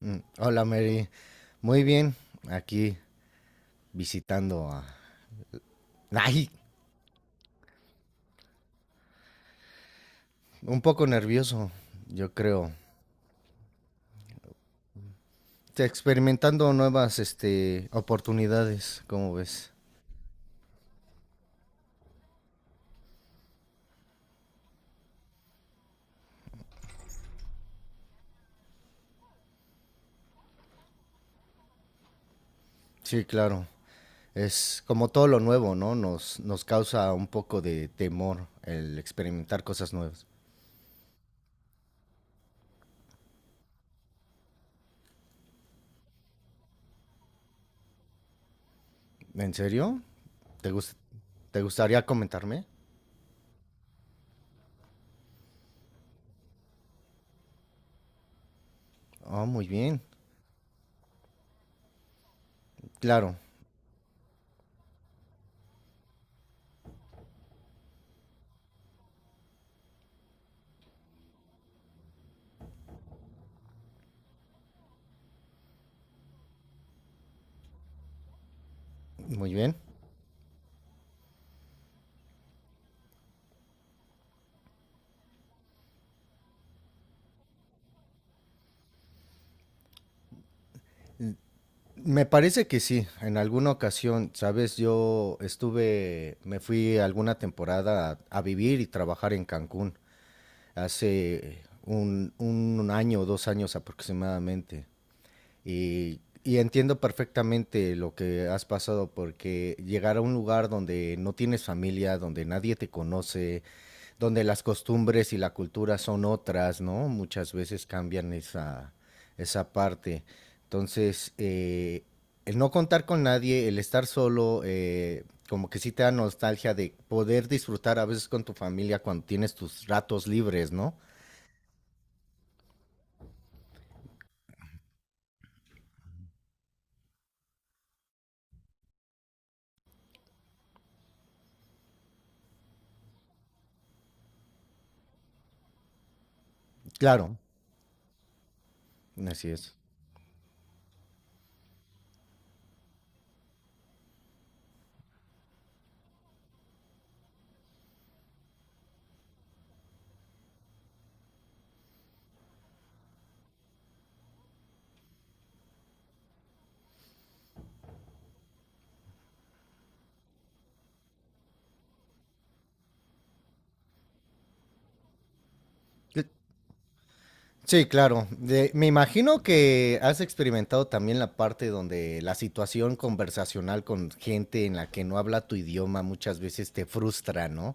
Hola Mary, muy bien, aquí visitando a... Ay, un poco nervioso, yo creo. Experimentando nuevas, oportunidades, ¿cómo ves? Sí, claro. Es como todo lo nuevo, ¿no? Nos causa un poco de temor el experimentar cosas nuevas. ¿En serio? ¿Te gust- Te gustaría comentarme? Oh, muy bien, claro, muy bien. Me parece que sí, en alguna ocasión, sabes, yo estuve, me fui alguna temporada a vivir y trabajar en Cancún hace un año o dos años aproximadamente. Y entiendo perfectamente lo que has pasado porque llegar a un lugar donde no tienes familia, donde nadie te conoce, donde las costumbres y la cultura son otras, ¿no? Muchas veces cambian esa parte. Entonces, el no contar con nadie, el estar solo, como que sí te da nostalgia de poder disfrutar a veces con tu familia cuando tienes tus ratos libres, ¿no? Claro, así es. Cl- Sí, claro. Me imagino que has experimentado también la parte donde la situación conversacional con gente en la que no habla tu idioma muchas veces te frustra, ¿no?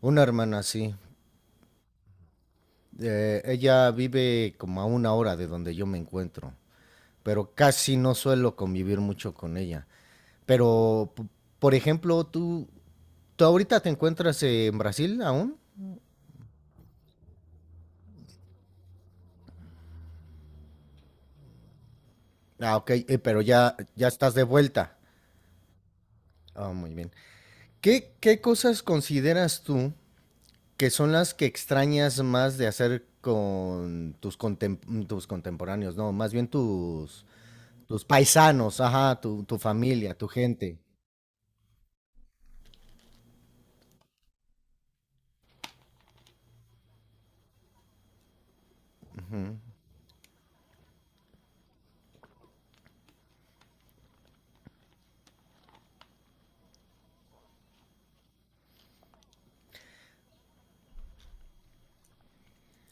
Una hermana, sí. Ella vive como a una hora de donde yo me encuentro, pero casi no suelo convivir mucho con ella. Pero, p- por ejemplo, tú ahorita te encuentras en Brasil aún. Ah, ok, pero ya estás de vuelta. Ah, muy bien. ¿ qué cosas consideras tú que son las que extrañas más de hacer con tus contemporáneos? No, más bien tus paisanos, ajá, tu familia, tu gente.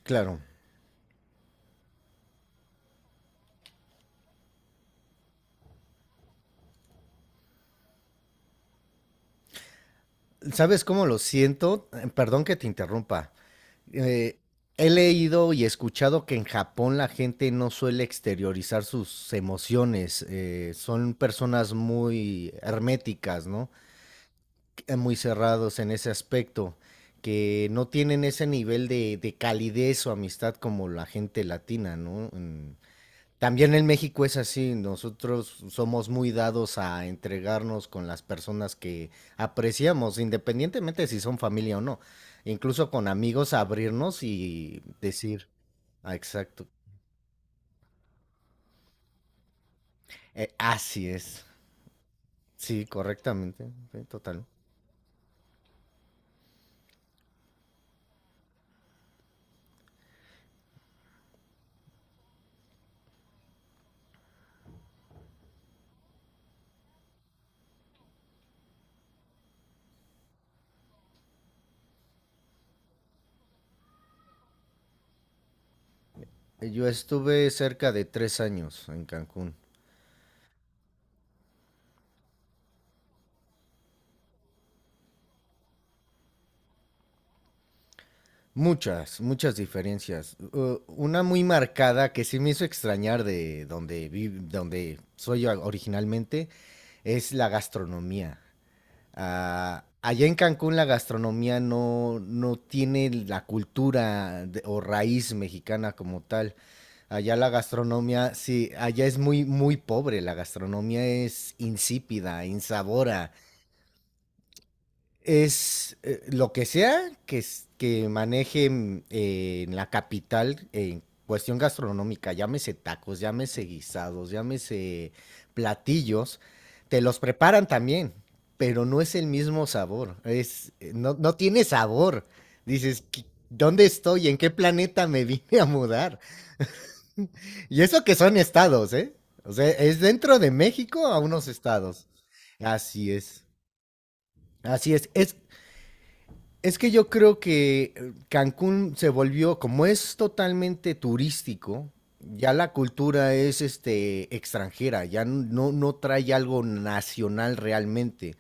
Claro. ¿Sabes cómo lo siento? Perdón que te interrumpa. Eh, He leído y escuchado que en Japón la gente no suele exteriorizar sus emociones. Son personas muy herméticas, ¿no? Muy cerrados en ese aspecto, que no tienen ese nivel de calidez o amistad como la gente latina, ¿no? También en México es así, nosotros somos muy dados a entregarnos con las personas que apreciamos, independientemente si son familia o no, incluso con amigos abrirnos y decir, ah, exacto, así es, sí, correctamente, sí, total. Yo estuve cerca de tres años en Cancún, muchas, muchas diferencias. Una muy marcada que sí me hizo extrañar de donde donde soy originalmente es la gastronomía. Ah, allá en Cancún la gastronomía no tiene la cultura o raíz mexicana como tal. Allá la gastronomía, sí, allá es muy, muy pobre. La gastronomía es insípida, insabora, es lo que sea que, que maneje en la capital en cuestión gastronómica, llámese tacos, llámese guisados, llámese platillos, te los preparan también, pero no es el mismo sabor, es, no, no tiene sabor. Dices, "¿Qué- ¿dónde estoy? ¿En qué planeta me vine a mudar? Y eso que son estados, ¿eh? O sea, es dentro de México a unos estados. Así es. Así es. Es. Es que yo creo que Cancún se volvió, como es totalmente turístico, ya la cultura es este extranjera, ya no trae algo nacional realmente.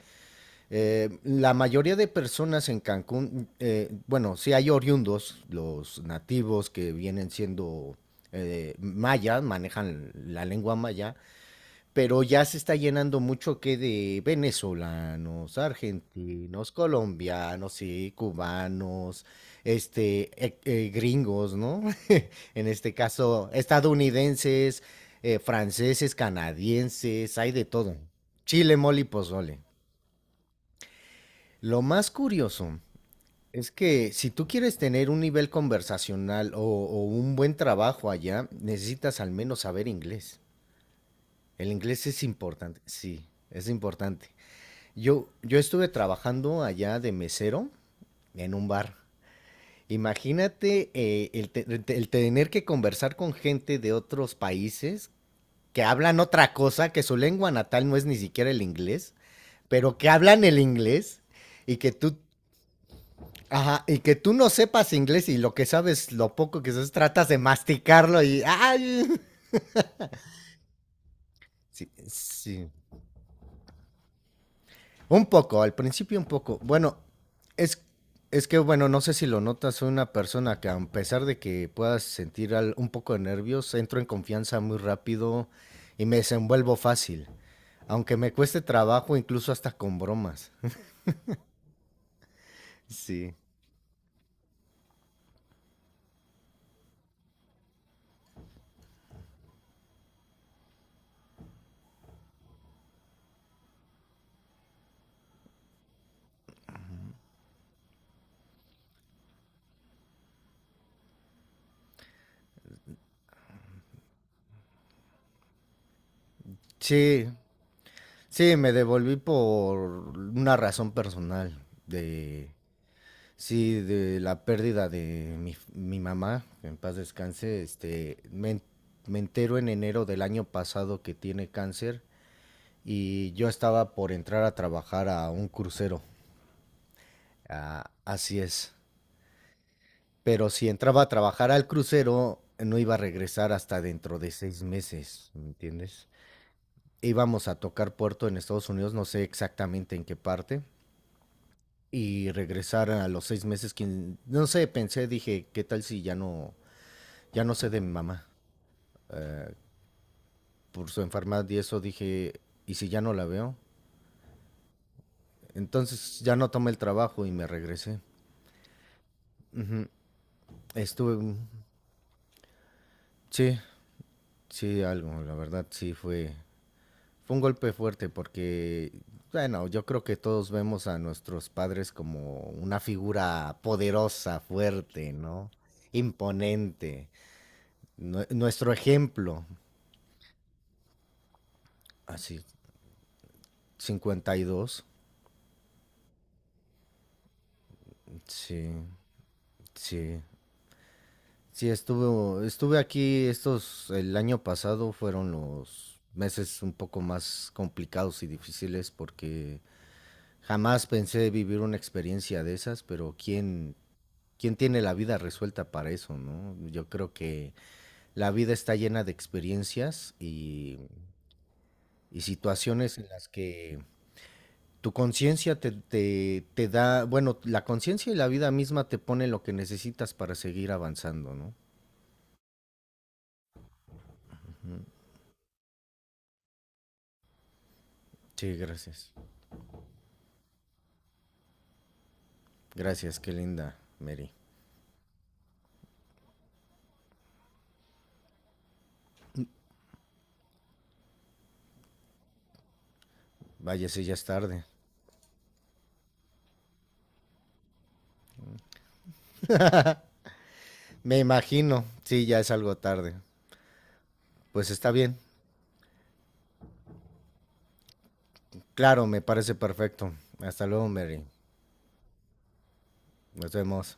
La mayoría de personas en Cancún, bueno, sí hay oriundos, los nativos que vienen siendo mayas, manejan la lengua maya, pero ya se está llenando mucho que de venezolanos, argentinos, colombianos, sí, cubanos, gringos, ¿no? En este caso, estadounidenses, franceses, canadienses, hay de todo. Chile, mole y pozole. Lo más curioso es que si tú quieres tener un nivel conversacional o un buen trabajo allá, necesitas al menos saber inglés. El inglés es importante, sí, es importante. Yo estuve trabajando allá de mesero en un bar. Imagínate el tener que conversar con gente de otros países que hablan otra cosa, que su lengua natal no es ni siquiera el inglés, pero que hablan el inglés y que tú, ajá, y que tú no sepas inglés y lo que sabes, lo poco que sabes, tratas de masticarlo y, ay, sí, sí. Un poco, al principio un poco. Bueno, es, es que, bueno, no sé si lo notas, soy una persona que a pesar de que puedas sentir un poco de nervios, entro en confianza muy rápido y me desenvuelvo fácil. Aunque me cueste trabajo, incluso hasta con bromas. Sí. Sí, sí, me devolví por una razón personal de. Sí, de la pérdida de mi mamá, que en paz descanse, me entero en enero del año pasado que tiene cáncer y yo estaba por entrar a trabajar a un crucero. Ah, así es. Pero si entraba a trabajar al crucero, no iba a regresar hasta dentro de seis meses, ¿me entiendes? Íbamos a tocar puerto en Estados Unidos, no sé exactamente en qué parte, y regresar a los seis meses, no sé, pensé, dije, ¿qué tal si ya no ya no sé de mi mamá. eh, por su enfermedad y eso dije, ¿y si ya no la veo? Entonces ya no tomé el trabajo y me regresé. Estuve, sí, sí, algo, la verdad, sí fue, fue un golpe fuerte porque, bueno, yo creo que todos vemos a nuestros padres como una figura poderosa, fuerte, ¿no? Imponente, nuestro ejemplo, así, 52, sí, sí. Sí, estuve, estuve aquí estos. El año pasado fueron los meses un poco más complicados y difíciles porque jamás pensé vivir una experiencia de esas, pero ¿quién, quién tiene la vida resuelta para eso, no? Yo creo que la vida está llena de experiencias y situaciones en las que tu conciencia te da, bueno, la conciencia y la vida misma te pone lo que necesitas para seguir avanzando, ¿no? Sí, gracias. Gracias, qué linda, Mary. Vaya, sí, ya es tarde. Me imagino, sí, ya es algo tarde. Pues está bien. Claro, me parece perfecto. Hasta luego, Mary. Nos vemos.